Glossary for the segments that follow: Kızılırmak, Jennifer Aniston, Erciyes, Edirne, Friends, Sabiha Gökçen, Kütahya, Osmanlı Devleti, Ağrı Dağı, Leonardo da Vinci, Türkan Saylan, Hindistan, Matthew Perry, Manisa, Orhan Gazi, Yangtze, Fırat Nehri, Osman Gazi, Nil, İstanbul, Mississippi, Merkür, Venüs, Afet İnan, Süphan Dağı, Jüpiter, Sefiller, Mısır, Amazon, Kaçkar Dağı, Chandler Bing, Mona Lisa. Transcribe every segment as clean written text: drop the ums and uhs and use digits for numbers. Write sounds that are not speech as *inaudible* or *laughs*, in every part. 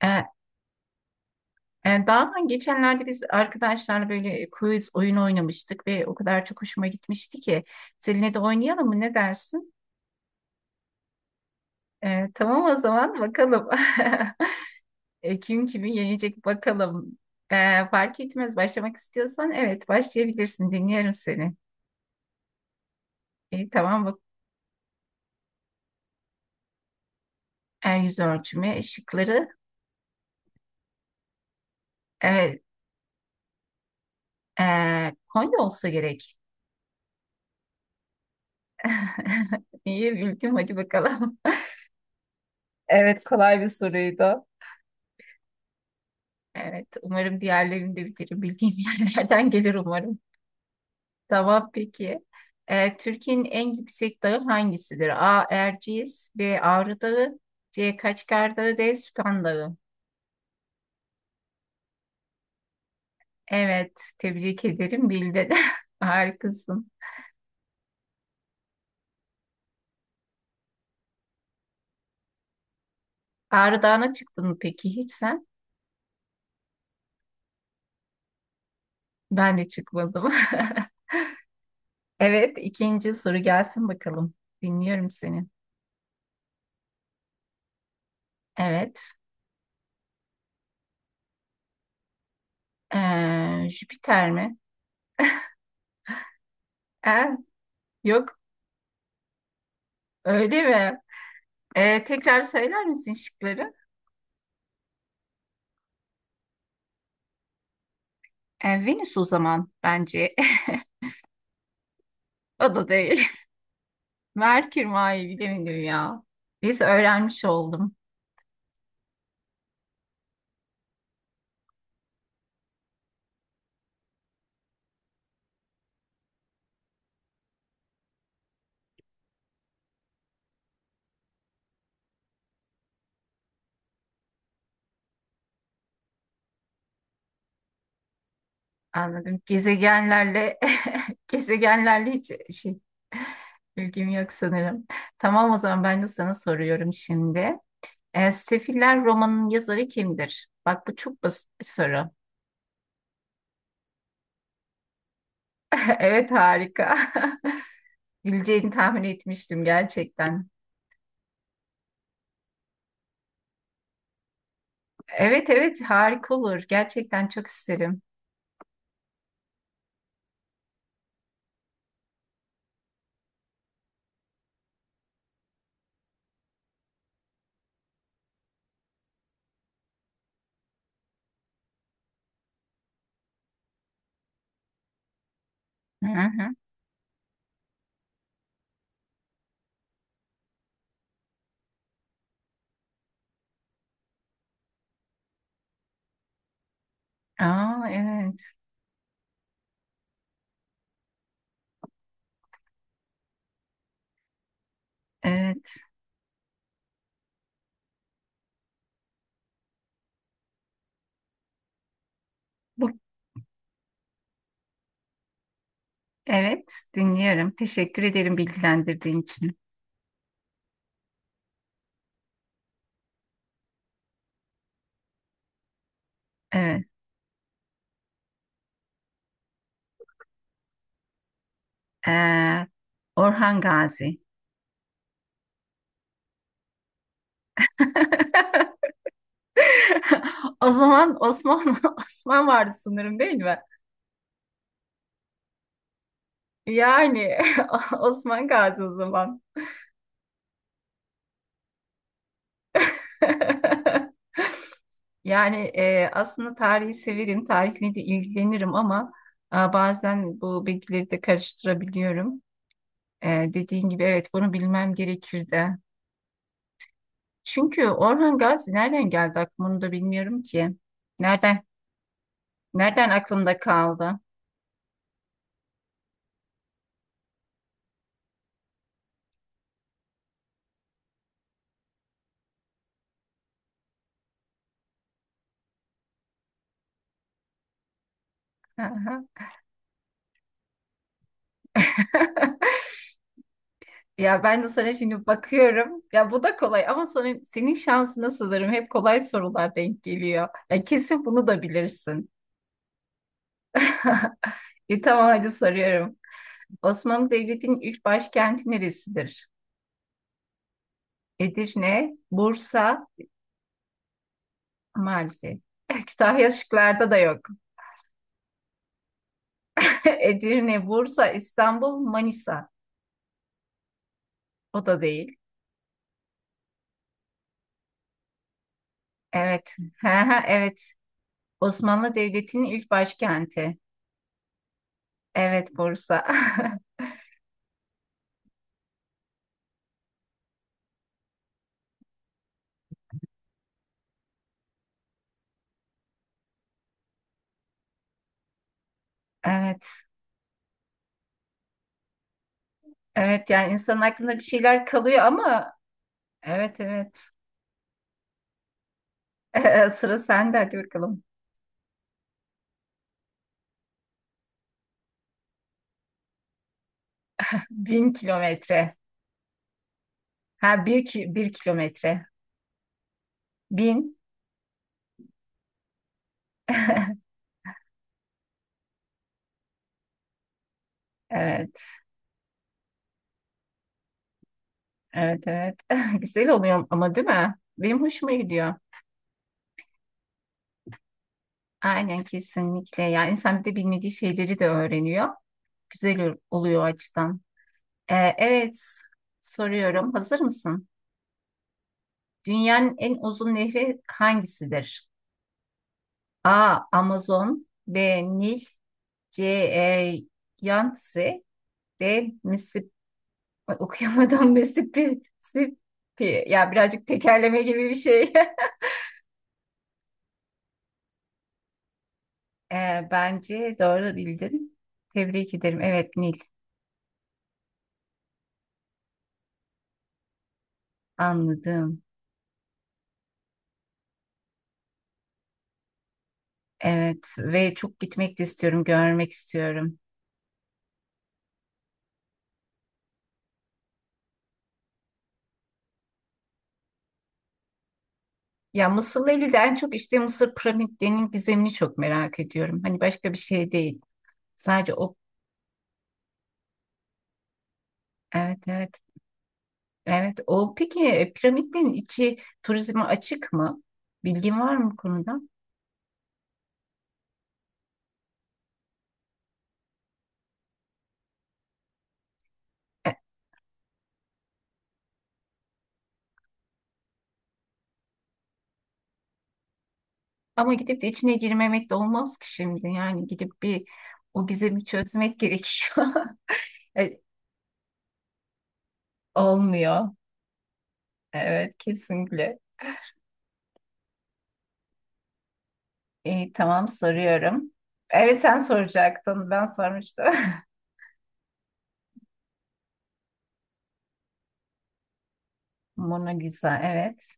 E, daha ben geçenlerde biz arkadaşlarla böyle quiz oyunu oynamıştık ve o kadar çok hoşuma gitmişti ki seninle de oynayalım mı ne dersin? Tamam o zaman bakalım. *laughs* Kim kimi yenecek bakalım. Fark etmez başlamak istiyorsan evet başlayabilirsin, dinliyorum seni. Tamam bak, yüz ölçümü şıkları evet, e, Konya olsa gerek. *laughs* İyi bildim hadi bakalım. *laughs* Evet kolay bir soruydu. Evet, umarım diğerlerini de bitiririm. Bildiğim *laughs* yerlerden gelir umarım. Tamam peki. Türkiye'nin en yüksek dağı hangisidir? A. Erciyes B. Ağrı Dağı C. Kaçkar Dağı D. Süphan Dağı. Evet, tebrik ederim. Bildin. *laughs* Harikasın. Ağrı Dağı'na çıktın mı peki hiç sen? Ben de çıkmadım. *laughs* Evet, ikinci soru gelsin bakalım. Dinliyorum seni. Evet. Jüpiter mi? Ee, Yok, öyle mi? Tekrar söyler misin şıkları? Venüs o zaman bence. *laughs* O da değil. *laughs* Merkür mü? Ay, bilemedim ya. Biz öğrenmiş oldum. Anladım. Gezegenlerle *laughs* gezegenlerle hiç şey bilgim yok sanırım. Tamam o zaman ben de sana soruyorum şimdi. Sefiller romanının yazarı kimdir? Bak bu çok basit bir soru. *laughs* Evet harika. *laughs* Bileceğini tahmin etmiştim gerçekten. Evet evet harika olur. Gerçekten çok isterim. Hı hı. Aa, evet, evet. Bu, evet, dinliyorum. Teşekkür ederim bilgilendirdiğin için. Evet. Ee, Orhan Gazi. *laughs* O zaman Osman *laughs* Osman vardı sanırım değil mi? Yani *laughs* Osman Gazi o zaman. *laughs* Yani, aslında tarihi severim, tarihle de ilgilenirim ama bazen bu bilgileri de karıştırabiliyorum. E, Dediğin gibi evet, bunu bilmem gerekirdi. Çünkü Orhan Gazi nereden geldi aklıma onu da bilmiyorum ki. Nereden nereden aklımda kaldı? Aha. *laughs* Ya ben de sana şimdi bakıyorum. Ya bu da kolay ama senin şansına sanırım hep kolay sorular denk geliyor. Ya kesin bunu da bilirsin. *laughs* Tamam hadi soruyorum. Osmanlı Devleti'nin ilk başkenti neresidir? Edirne, Bursa, maalesef. *laughs* Kütahya şıklarda da yok. *laughs* Edirne, Bursa, İstanbul, Manisa. O da değil. Evet. *laughs* Hı hı, evet. Osmanlı Devleti'nin ilk başkenti. Evet, Bursa. *laughs* Evet. Evet yani insanın aklında bir şeyler kalıyor ama evet evet. *laughs* Sıra sende hadi bakalım. 1000 kilometre. Ha bir, 1 kilometre. 1000. *laughs* Evet. Evet evet. *laughs* Güzel oluyor ama değil mi? Benim hoşuma gidiyor. Aynen kesinlikle. Yani insan bir de bilmediği şeyleri de öğreniyor. Güzel oluyor o açıdan. Evet soruyorum. Hazır mısın? Dünyanın en uzun nehri hangisidir? A. Amazon B. Nil C. Yangtze D. Mississippi. Okuyamadım *laughs* Mississippi. Mississippi. Ya birazcık tekerleme gibi bir şey. *laughs* Bence doğru bildin. Tebrik ederim. Evet Nil, anladım. Evet ve çok gitmek de istiyorum, görmek istiyorum. Ya Mısır'la ilgili de en çok işte Mısır piramitlerinin gizemini çok merak ediyorum. Hani başka bir şey değil. Sadece o, evet evet. Evet, o peki, piramitlerin içi turizme açık mı? Bilgin var mı bu konuda? E, Ama gidip de içine girmemek de olmaz ki şimdi. Yani gidip bir o gizemi çözmek gerekiyor. *laughs* E, Olmuyor. Evet, kesinlikle. İyi, tamam soruyorum. Evet sen soracaktın, ben sormuştum. *laughs* Mona Lisa, evet.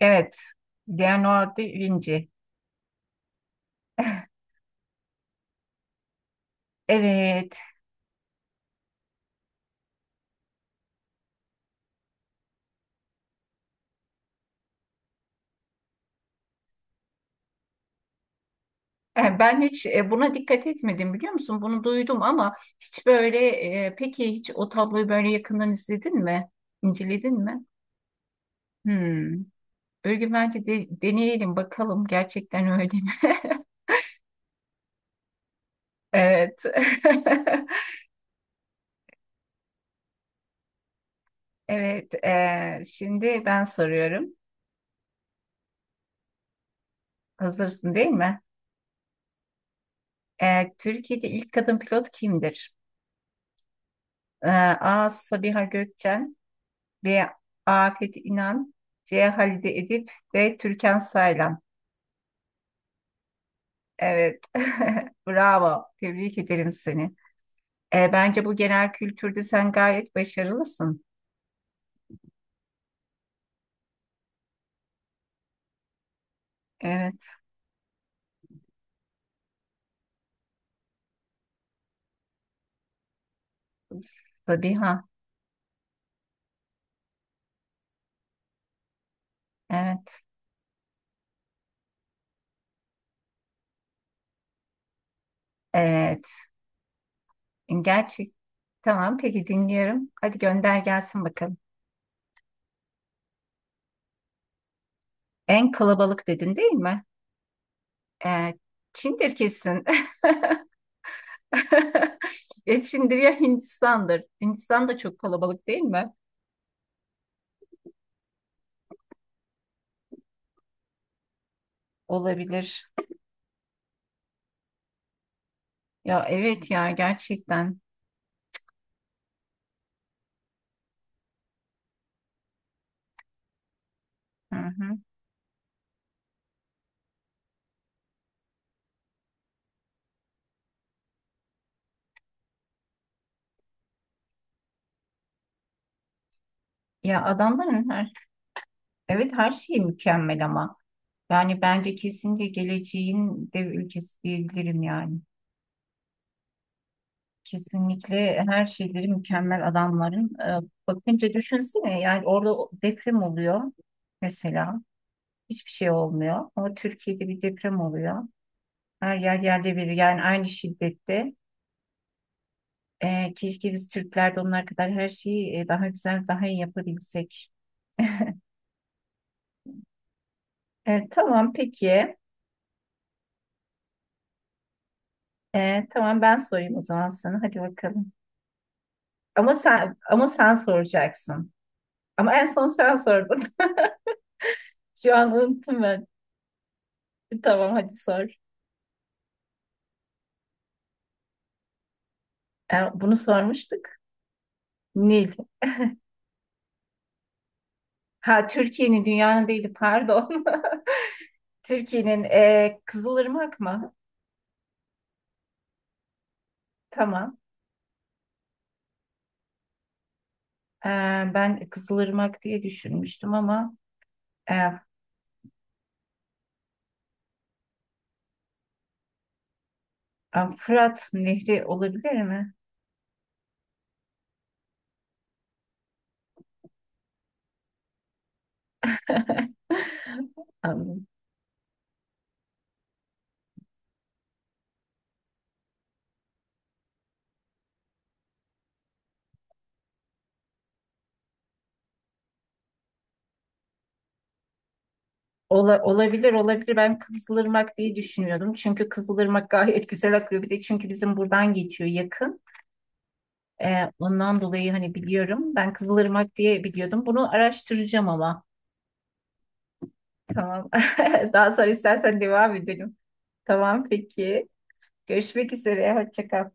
Evet, Leonardo da Vinci. *laughs* Evet, yani ben hiç, buna dikkat etmedim biliyor musun? Bunu duydum ama hiç böyle, peki hiç o tabloyu böyle yakından izledin mi? İnceledin mi? Hmm. Bir gün bence de, deneyelim bakalım gerçekten öyle mi? *laughs* Evet. *laughs* Evet, şimdi ben soruyorum. Hazırsın değil mi? Türkiye'de ilk kadın pilot kimdir? Ee, A. Sabiha Gökçen B. Afet İnan C. Halide Edip D. Türkan Saylan Evet. *laughs* Bravo. Tebrik ederim seni. Bence bu genel kültürde sen gayet başarılısın. Evet. Sabiha. Evet. Evet. Gerçek. Tamam. Peki dinliyorum. Hadi gönder gelsin bakalım. En kalabalık dedin değil mi? Ee, Çin'dir kesin. *laughs* *laughs* Geçindir ya Hindistan'dır. Hindistan da çok kalabalık değil mi? Olabilir. Ya evet ya gerçekten. Hı hı. Ya adamların her, evet her şeyi mükemmel ama. Yani bence kesinlikle geleceğin dev ülkesi diyebilirim yani. Kesinlikle her şeyleri mükemmel adamların. Bakınca düşünsene yani orada deprem oluyor mesela. Hiçbir şey olmuyor. Ama Türkiye'de bir deprem oluyor. Her yer yerde bir yani aynı şiddette. Keşke biz Türkler de onlar kadar her şeyi, daha güzel, daha iyi yapabilsek. Tamam peki. Tamam ben sorayım o zaman sana. Hadi bakalım. Ama sen soracaksın. Ama en son sen sordun. *laughs* Şu an unuttum ben. Tamam hadi sor. Bunu sormuştuk. Nil. Ha Türkiye'nin dünyanın değildi pardon. *laughs* Türkiye'nin, Kızılırmak mı? Tamam. E, Ben Kızılırmak diye düşünmüştüm ama e, Fırat Nehri olabilir mi? *laughs* Anladım. Olabilir olabilir, ben Kızılırmak diye düşünüyordum. Çünkü Kızılırmak gayet güzel akıyor. Bir de çünkü bizim buradan geçiyor yakın. Ondan dolayı hani biliyorum. Ben Kızılırmak diye biliyordum. Bunu araştıracağım ama. Tamam. *laughs* Daha sonra istersen devam edelim. Tamam peki. Görüşmek üzere. Hoşça kal.